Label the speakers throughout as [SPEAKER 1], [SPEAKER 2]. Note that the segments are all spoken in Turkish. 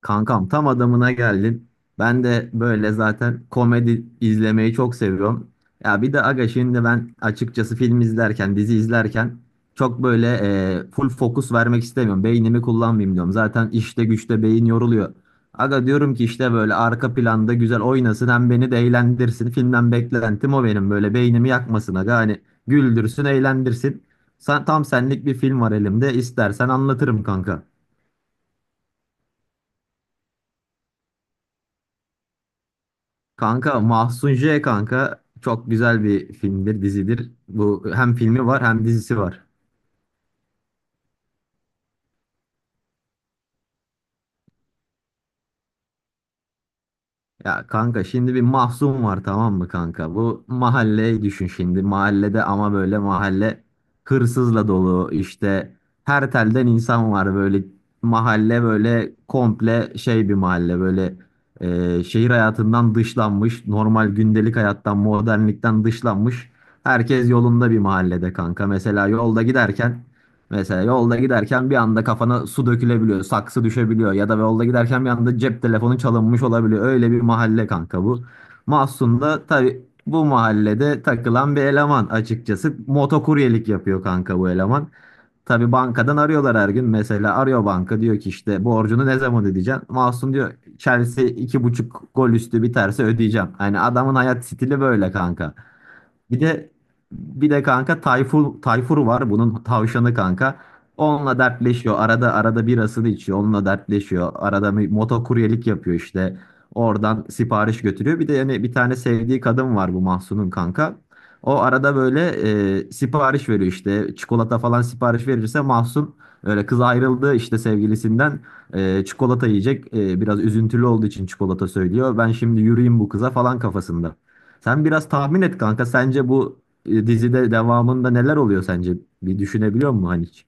[SPEAKER 1] Kankam tam adamına geldin. Ben de böyle zaten komedi izlemeyi çok seviyorum. Ya bir de aga şimdi ben açıkçası film izlerken, dizi izlerken çok böyle full fokus vermek istemiyorum. Beynimi kullanmayayım diyorum. Zaten işte güçte beyin yoruluyor. Aga diyorum ki işte böyle arka planda güzel oynasın hem beni de eğlendirsin. Filmden beklentim o benim böyle beynimi yakmasın aga. Hani güldürsün, eğlendirsin. Sen, tam senlik bir film var elimde. İstersen anlatırım kanka. Kanka Mahsun J kanka çok güzel bir filmdir, dizidir. Bu hem filmi var hem dizisi var. Ya kanka şimdi bir Mahsun var tamam mı kanka? Bu mahalleyi düşün şimdi. Mahallede ama böyle mahalle hırsızla dolu işte her telden insan var böyle mahalle böyle komple şey bir mahalle böyle, şehir hayatından dışlanmış normal gündelik hayattan modernlikten dışlanmış herkes yolunda bir mahallede kanka mesela yolda giderken. Mesela yolda giderken bir anda kafana su dökülebiliyor, saksı düşebiliyor ya da yolda giderken bir anda cep telefonu çalınmış olabiliyor. Öyle bir mahalle kanka bu. Mahsun da tabii bu mahallede takılan bir eleman açıkçası. Motokuryelik yapıyor kanka bu eleman. Tabii bankadan arıyorlar her gün. Mesela arıyor banka diyor ki işte borcunu ne zaman ödeyeceksin? Mahsun diyor Chelsea iki buçuk gol üstü biterse ödeyeceğim. Hani adamın hayat stili böyle kanka. Bir de bir de kanka Tayfur var bunun tavşanı kanka. Onunla dertleşiyor. Arada arada birasını içiyor. Onunla dertleşiyor. Arada bir motokuryelik yapıyor işte. Oradan sipariş götürüyor. Bir de yani bir tane sevdiği kadın var bu Mahsun'un kanka. O arada böyle sipariş veriyor işte. Çikolata falan sipariş verirse Mahsun öyle kız ayrıldı işte sevgilisinden. Çikolata yiyecek. Biraz üzüntülü olduğu için çikolata söylüyor. Ben şimdi yürüyeyim bu kıza falan kafasında. Sen biraz tahmin et kanka. Sence bu dizide devamında neler oluyor sence? Bir düşünebiliyor musun hani hiç?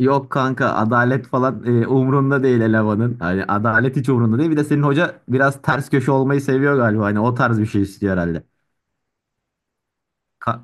[SPEAKER 1] Yok kanka adalet falan umrunda değil elemanın. Hani adalet hiç umrunda değil. Bir de senin hoca biraz ters köşe olmayı seviyor galiba. Hani o tarz bir şey istiyor herhalde. Ka-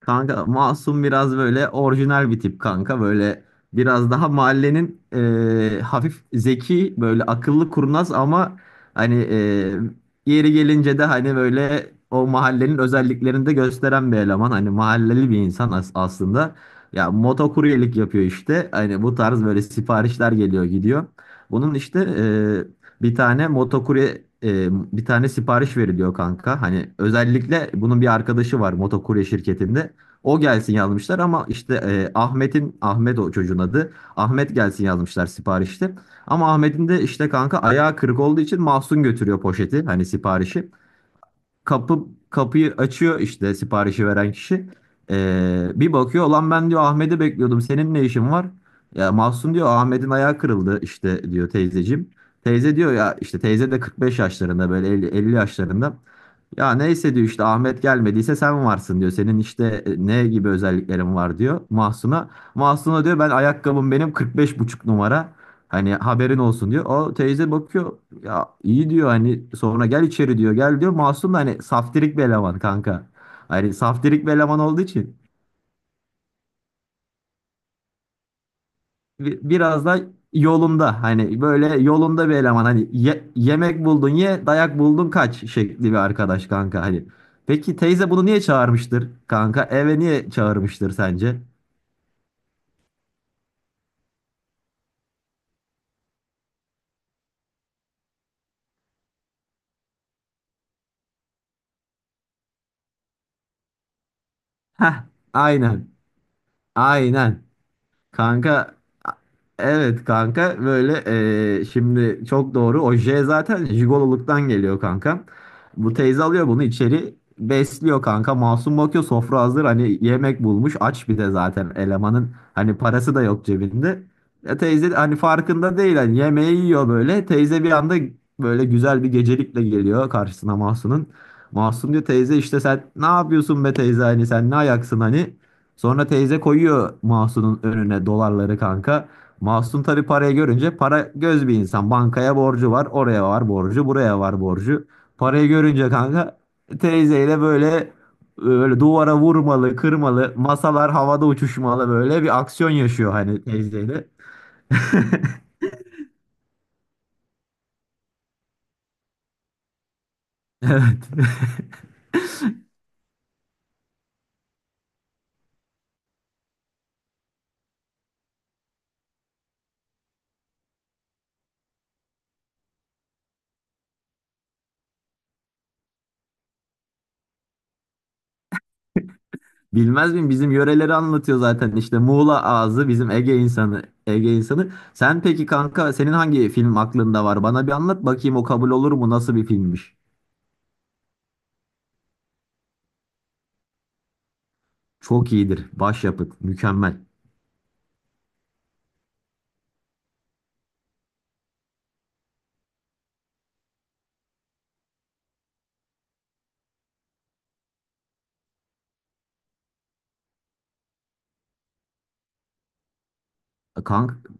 [SPEAKER 1] Kanka Masum biraz böyle orijinal bir tip kanka. Böyle biraz daha mahallenin hafif zeki böyle akıllı kurnaz ama hani yeri gelince de hani böyle o mahallenin özelliklerini de gösteren bir eleman. Hani mahalleli bir insan aslında. Ya motokuryelik yapıyor işte. Hani bu tarz böyle siparişler geliyor gidiyor. Bunun işte bir tane motokurye bir tane sipariş veriliyor kanka. Hani özellikle bunun bir arkadaşı var motokurye şirketinde. O gelsin yazmışlar ama işte Ahmet o çocuğun adı. Ahmet gelsin yazmışlar siparişte. Ama Ahmet'in de işte kanka ayağı kırık olduğu için Mahsun götürüyor poşeti hani siparişi. Kapı kapıyı açıyor işte siparişi veren kişi. Bir bakıyor lan ben diyor Ahmet'i bekliyordum. Senin ne işin var? Ya Mahsun diyor Ahmet'in ayağı kırıldı işte diyor teyzeciğim. Teyze diyor ya işte teyze de 45 yaşlarında böyle 50 50 yaşlarında. Ya neyse diyor işte Ahmet gelmediyse sen varsın diyor. Senin işte ne gibi özelliklerin var diyor Mahsun'a. Mahsun'a diyor ben ayakkabım benim 45 buçuk numara. Hani haberin olsun diyor. O teyze bakıyor ya iyi diyor hani sonra gel içeri diyor gel diyor. Mahsun da hani saftirik bir eleman kanka. Hani saftirik bir eleman olduğu için biraz da yolunda hani böyle yolunda bir eleman hani yemek buldun ye dayak buldun kaç şekli bir arkadaş kanka hani. Peki teyze bunu niye çağırmıştır kanka? Eve niye çağırmıştır sence? Heh, aynen, aynen. Kanka evet kanka böyle, şimdi çok doğru o oje zaten jigololuktan geliyor kanka. Bu teyze alıyor bunu içeri besliyor kanka masum bakıyor sofra hazır hani yemek bulmuş aç bir de zaten elemanın hani parası da yok cebinde. Teyze hani farkında değil hani yemeği yiyor böyle teyze bir anda böyle güzel bir gecelikle geliyor karşısına Mahsun'un. Mahsun diyor teyze işte sen ne yapıyorsun be teyze hani sen ne ayaksın hani. Sonra teyze koyuyor Mahsun'un önüne dolarları kanka. Mahsun tabii parayı görünce para göz bir insan. Bankaya borcu var, oraya var borcu, buraya var borcu. Parayı görünce kanka teyzeyle böyle böyle duvara vurmalı, kırmalı, masalar havada uçuşmalı böyle bir aksiyon yaşıyor hani teyzeyle. Evet. Bilmez miyim? Bizim yöreleri anlatıyor zaten işte Muğla ağzı bizim Ege insanı. Sen peki kanka senin hangi film aklında var? Bana bir anlat bakayım o kabul olur mu? Nasıl bir filmmiş? Çok iyidir. Başyapıt. Mükemmel. Kanka,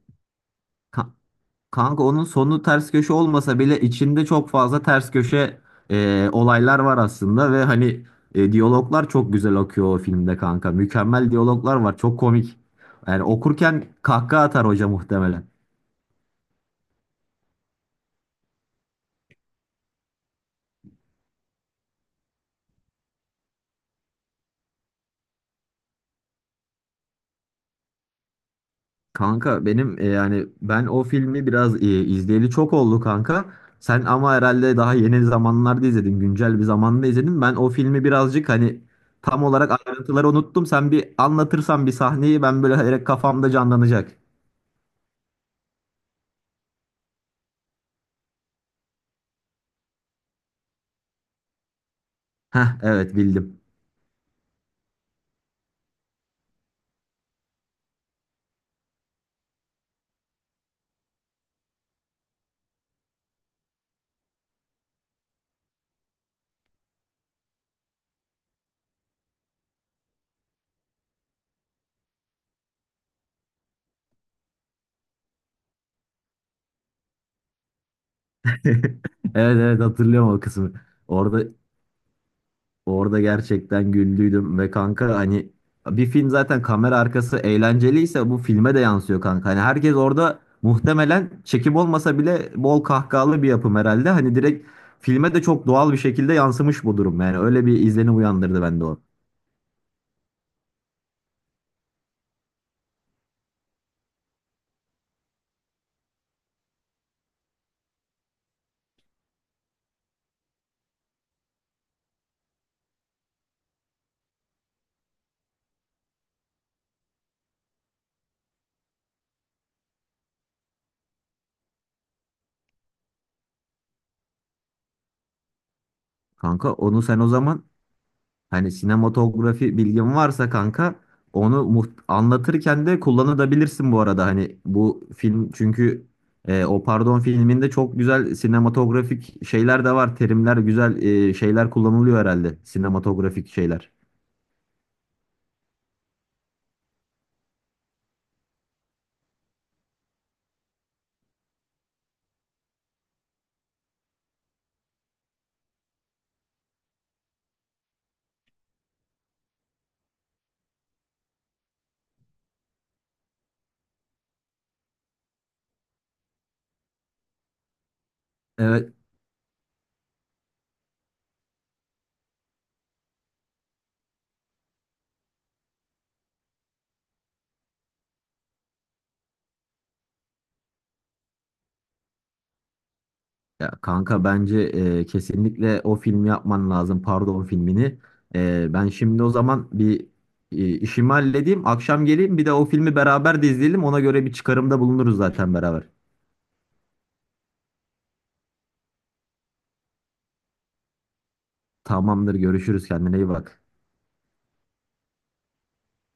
[SPEAKER 1] kanka, onun sonu ters köşe olmasa bile içinde çok fazla ters köşe olaylar var aslında ve hani diyaloglar çok güzel akıyor o filmde kanka. Mükemmel diyaloglar var. Çok komik. Yani okurken kahkaha atar hoca muhtemelen. Kanka benim yani ben o filmi biraz izleyeli çok oldu kanka. Sen ama herhalde daha yeni zamanlarda izledin, güncel bir zamanda izledin. Ben o filmi birazcık hani tam olarak ayrıntıları unuttum. Sen bir anlatırsan bir sahneyi ben böyle direkt kafamda canlanacak. Heh, evet, bildim. Evet, evet, hatırlıyorum o kısmı. Orada Orada gerçekten güldüydüm ve kanka hani bir film zaten kamera arkası eğlenceliyse bu filme de yansıyor kanka. Hani herkes orada muhtemelen çekim olmasa bile bol kahkahalı bir yapım herhalde. Hani direkt filme de çok doğal bir şekilde yansımış bu durum. Yani öyle bir izlenim uyandırdı bende o. Kanka onu sen o zaman. Hani sinematografi bilgin varsa kanka onu anlatırken de kullanabilirsin bu arada. Hani bu film çünkü o pardon filminde çok güzel sinematografik şeyler de var. Terimler güzel şeyler kullanılıyor herhalde. Sinematografik şeyler. Evet. Ya kanka bence kesinlikle o filmi yapman lazım. Pardon filmini. Ben şimdi o zaman bir işimi halledeyim. Akşam geleyim bir de o filmi beraber de izleyelim. Ona göre bir çıkarımda bulunuruz zaten beraber. Tamamdır, görüşürüz, kendine iyi bak.